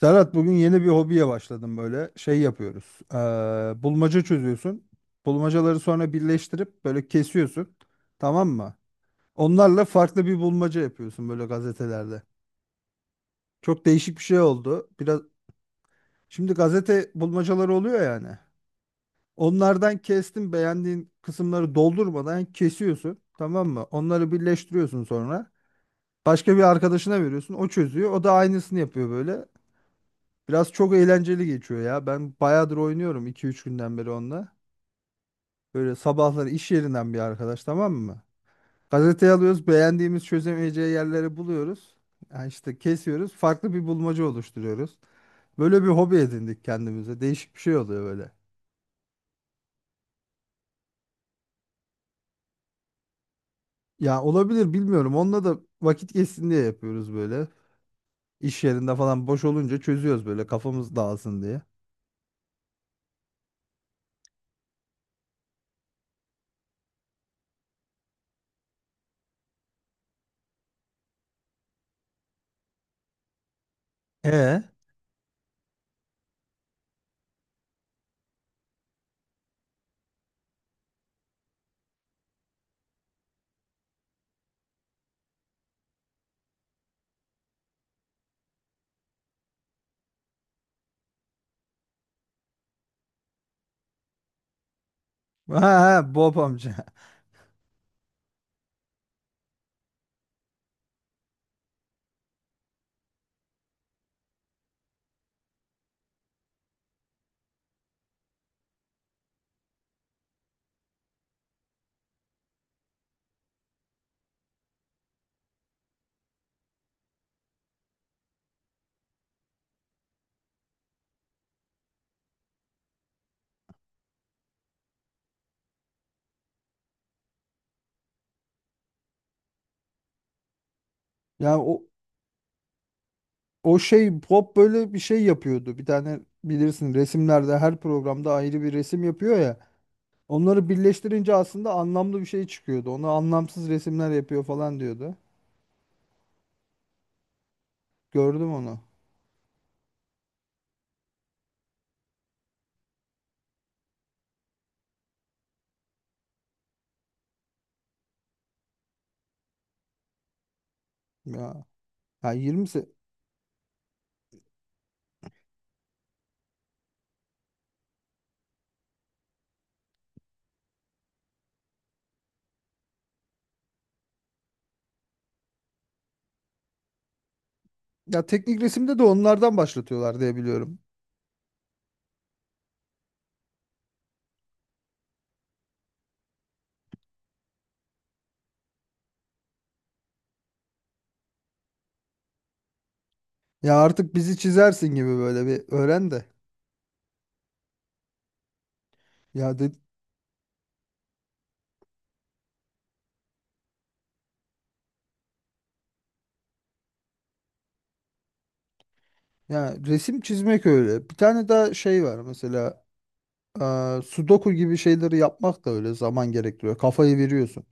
Serhat, bugün yeni bir hobiye başladım böyle. Şey yapıyoruz. Bulmaca çözüyorsun. Bulmacaları sonra birleştirip böyle kesiyorsun. Tamam mı? Onlarla farklı bir bulmaca yapıyorsun böyle gazetelerde. Çok değişik bir şey oldu. Biraz şimdi gazete bulmacaları oluyor yani. Onlardan kestim, beğendiğin kısımları doldurmadan kesiyorsun. Tamam mı? Onları birleştiriyorsun sonra. Başka bir arkadaşına veriyorsun. O çözüyor. O da aynısını yapıyor böyle. Biraz çok eğlenceli geçiyor ya. Ben bayağıdır oynuyorum, iki üç günden beri onunla. Böyle sabahları iş yerinden bir arkadaş, tamam mı? Gazeteyi alıyoruz, beğendiğimiz çözemeyeceği yerleri buluyoruz. Yani işte kesiyoruz, farklı bir bulmaca oluşturuyoruz. Böyle bir hobi edindik kendimize. Değişik bir şey oluyor böyle. Ya olabilir, bilmiyorum. Onunla da vakit geçsin diye yapıyoruz böyle. İş yerinde falan boş olunca çözüyoruz böyle, kafamız dağılsın diye. E ha ha, Bob amca. Ya o, o şey Pop böyle bir şey yapıyordu. Bir tane bilirsin, resimlerde her programda ayrı bir resim yapıyor ya. Onları birleştirince aslında anlamlı bir şey çıkıyordu. Onu anlamsız resimler yapıyor falan diyordu. Gördüm onu. Ya, ya 20 ya teknik resimde de onlardan başlatıyorlar diye biliyorum. Ya artık bizi çizersin gibi, böyle bir öğren de. Ya de, ya resim çizmek öyle. Bir tane daha şey var mesela. Sudoku gibi şeyleri yapmak da öyle zaman gerektiriyor. Kafayı veriyorsun.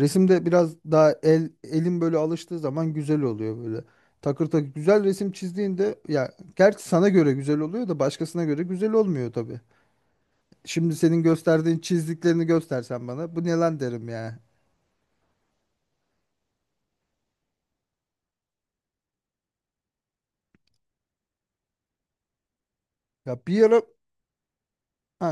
Resimde biraz daha el, elin böyle alıştığı zaman güzel oluyor böyle. Takır takır güzel resim çizdiğinde, ya gerçi sana göre güzel oluyor da başkasına göre güzel olmuyor tabii. Şimdi senin gösterdiğin çizdiklerini göstersen bana, bu ne lan derim ya. Ya bir ara ha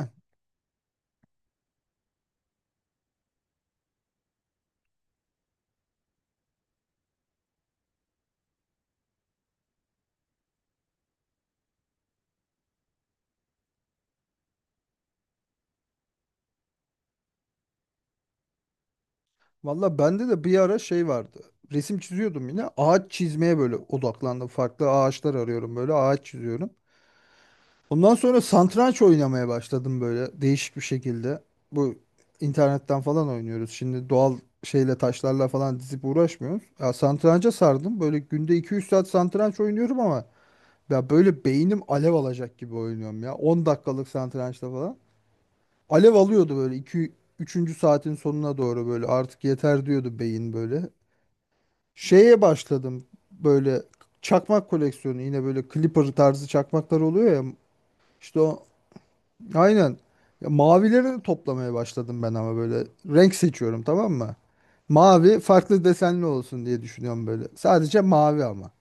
valla bende de bir ara şey vardı. Resim çiziyordum yine. Ağaç çizmeye böyle odaklandım. Farklı ağaçlar arıyorum böyle, ağaç çiziyorum. Ondan sonra satranç oynamaya başladım böyle, değişik bir şekilde. Bu internetten falan oynuyoruz. Şimdi doğal şeyle, taşlarla falan dizip uğraşmıyoruz. Ya satranca sardım. Böyle günde iki üç saat satranç oynuyorum ama ya böyle beynim alev alacak gibi oynuyorum ya, 10 dakikalık satrançta falan. Alev alıyordu böyle 2 üçüncü saatin sonuna doğru, böyle artık yeter diyordu beyin böyle. Şeye başladım böyle, çakmak koleksiyonu yine, böyle Clipper tarzı çakmaklar oluyor ya. İşte o Aynen. Ya mavileri de toplamaya başladım ben, ama böyle renk seçiyorum, tamam mı? Mavi farklı desenli olsun diye düşünüyorum böyle. Sadece mavi ama.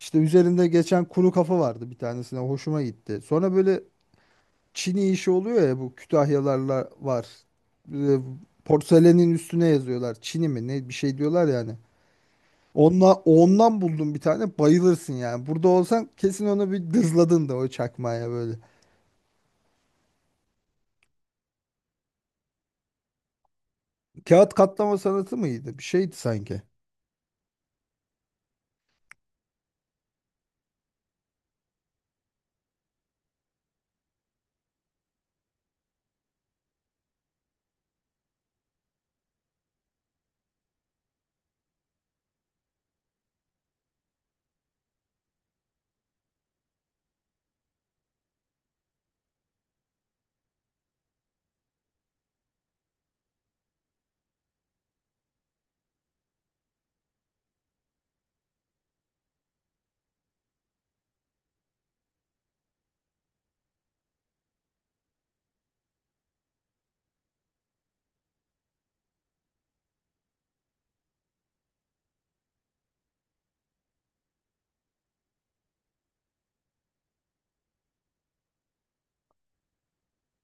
İşte üzerinde geçen kuru kafa vardı bir tanesine, hoşuma gitti. Sonra böyle çini işi oluyor ya, bu Kütahyalarla var. Ee, Porselenin üstüne yazıyorlar. Çini mi ne bir şey diyorlar yani. Ondan buldum bir tane, bayılırsın yani. Burada olsan kesin onu bir dızladın da o çakmaya böyle. Kağıt katlama sanatı mıydı? Bir şeydi sanki.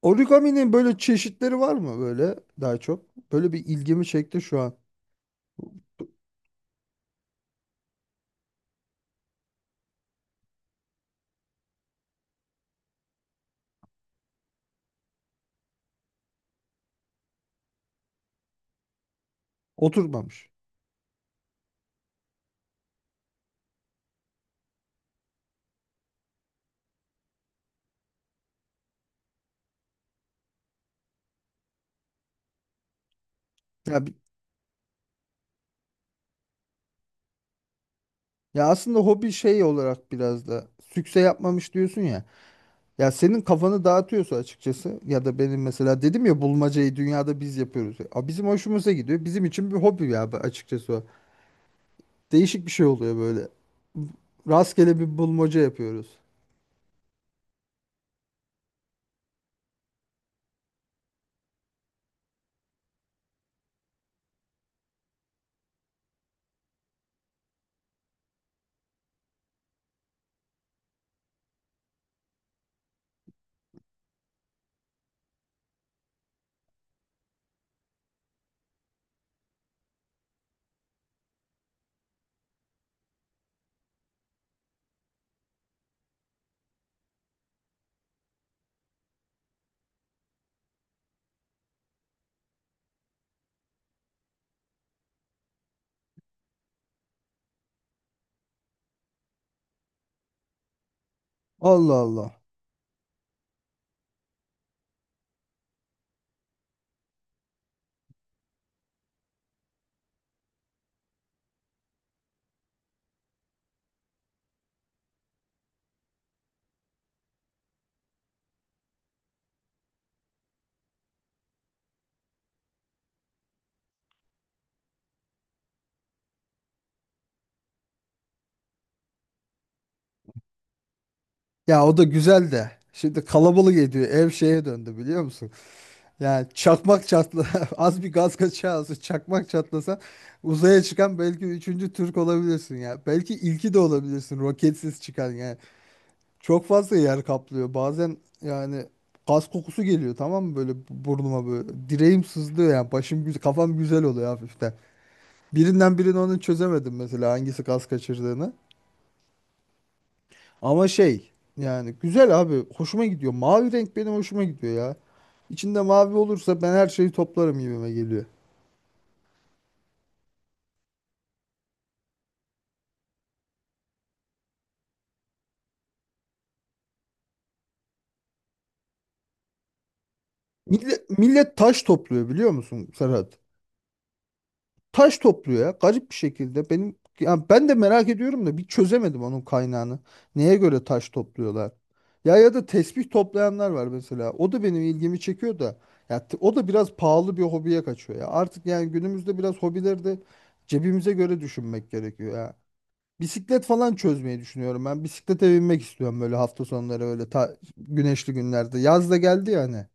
Origami'nin böyle çeşitleri var mı böyle, daha çok? Böyle bir ilgimi çekti şu an. Oturmamış. Ya, bi- ya aslında hobi şey olarak biraz da sükse yapmamış diyorsun ya. Ya senin kafanı dağıtıyorsa açıkçası, ya da benim mesela dedim ya, bulmacayı dünyada biz yapıyoruz. A, bizim hoşumuza gidiyor. Bizim için bir hobi ya bu, açıkçası o. Değişik bir şey oluyor böyle. Rastgele bir bulmaca yapıyoruz. Allah Allah. Ya o da güzel de. Şimdi kalabalık ediyor. Ev şeye döndü, biliyor musun? Yani çakmak çatla az bir gaz kaçağı, az çakmak çatlasa uzaya çıkan belki üçüncü Türk olabilirsin ya. Belki ilki de olabilirsin, roketsiz çıkan yani. Çok fazla yer kaplıyor. Bazen yani gaz kokusu geliyor, tamam mı, böyle burnuma böyle. Direğim sızlıyor yani, başım güzel, kafam güzel oluyor hafiften. Birinden birini, onu çözemedim mesela, hangisi gaz kaçırdığını. Ama şey, yani güzel abi, hoşuma gidiyor. Mavi renk benim hoşuma gidiyor ya. İçinde mavi olursa ben her şeyi toplarım gibime geliyor. Millet taş topluyor biliyor musun Serhat? Taş topluyor ya, garip bir şekilde. Ben de merak ediyorum da bir çözemedim onun kaynağını. Neye göre taş topluyorlar? Ya, ya da tesbih toplayanlar var mesela. O da benim ilgimi çekiyor da. O da biraz pahalı bir hobiye kaçıyor ya. Artık yani günümüzde biraz hobileri de cebimize göre düşünmek gerekiyor ya. Bisiklet falan çözmeyi düşünüyorum ben. Bisiklete binmek istiyorum böyle hafta sonları, öyle güneşli günlerde. Yaz da geldi yani.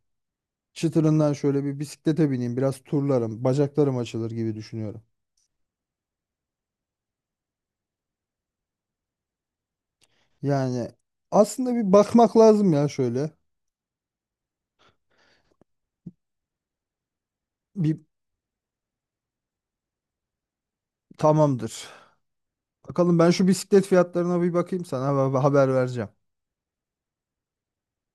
Çıtırından şöyle bir bisiklete bineyim, biraz turlarım, bacaklarım açılır gibi düşünüyorum. Yani aslında bir bakmak lazım ya şöyle. Bir tamamdır. Bakalım, ben şu bisiklet fiyatlarına bir bakayım, sana haber vereceğim.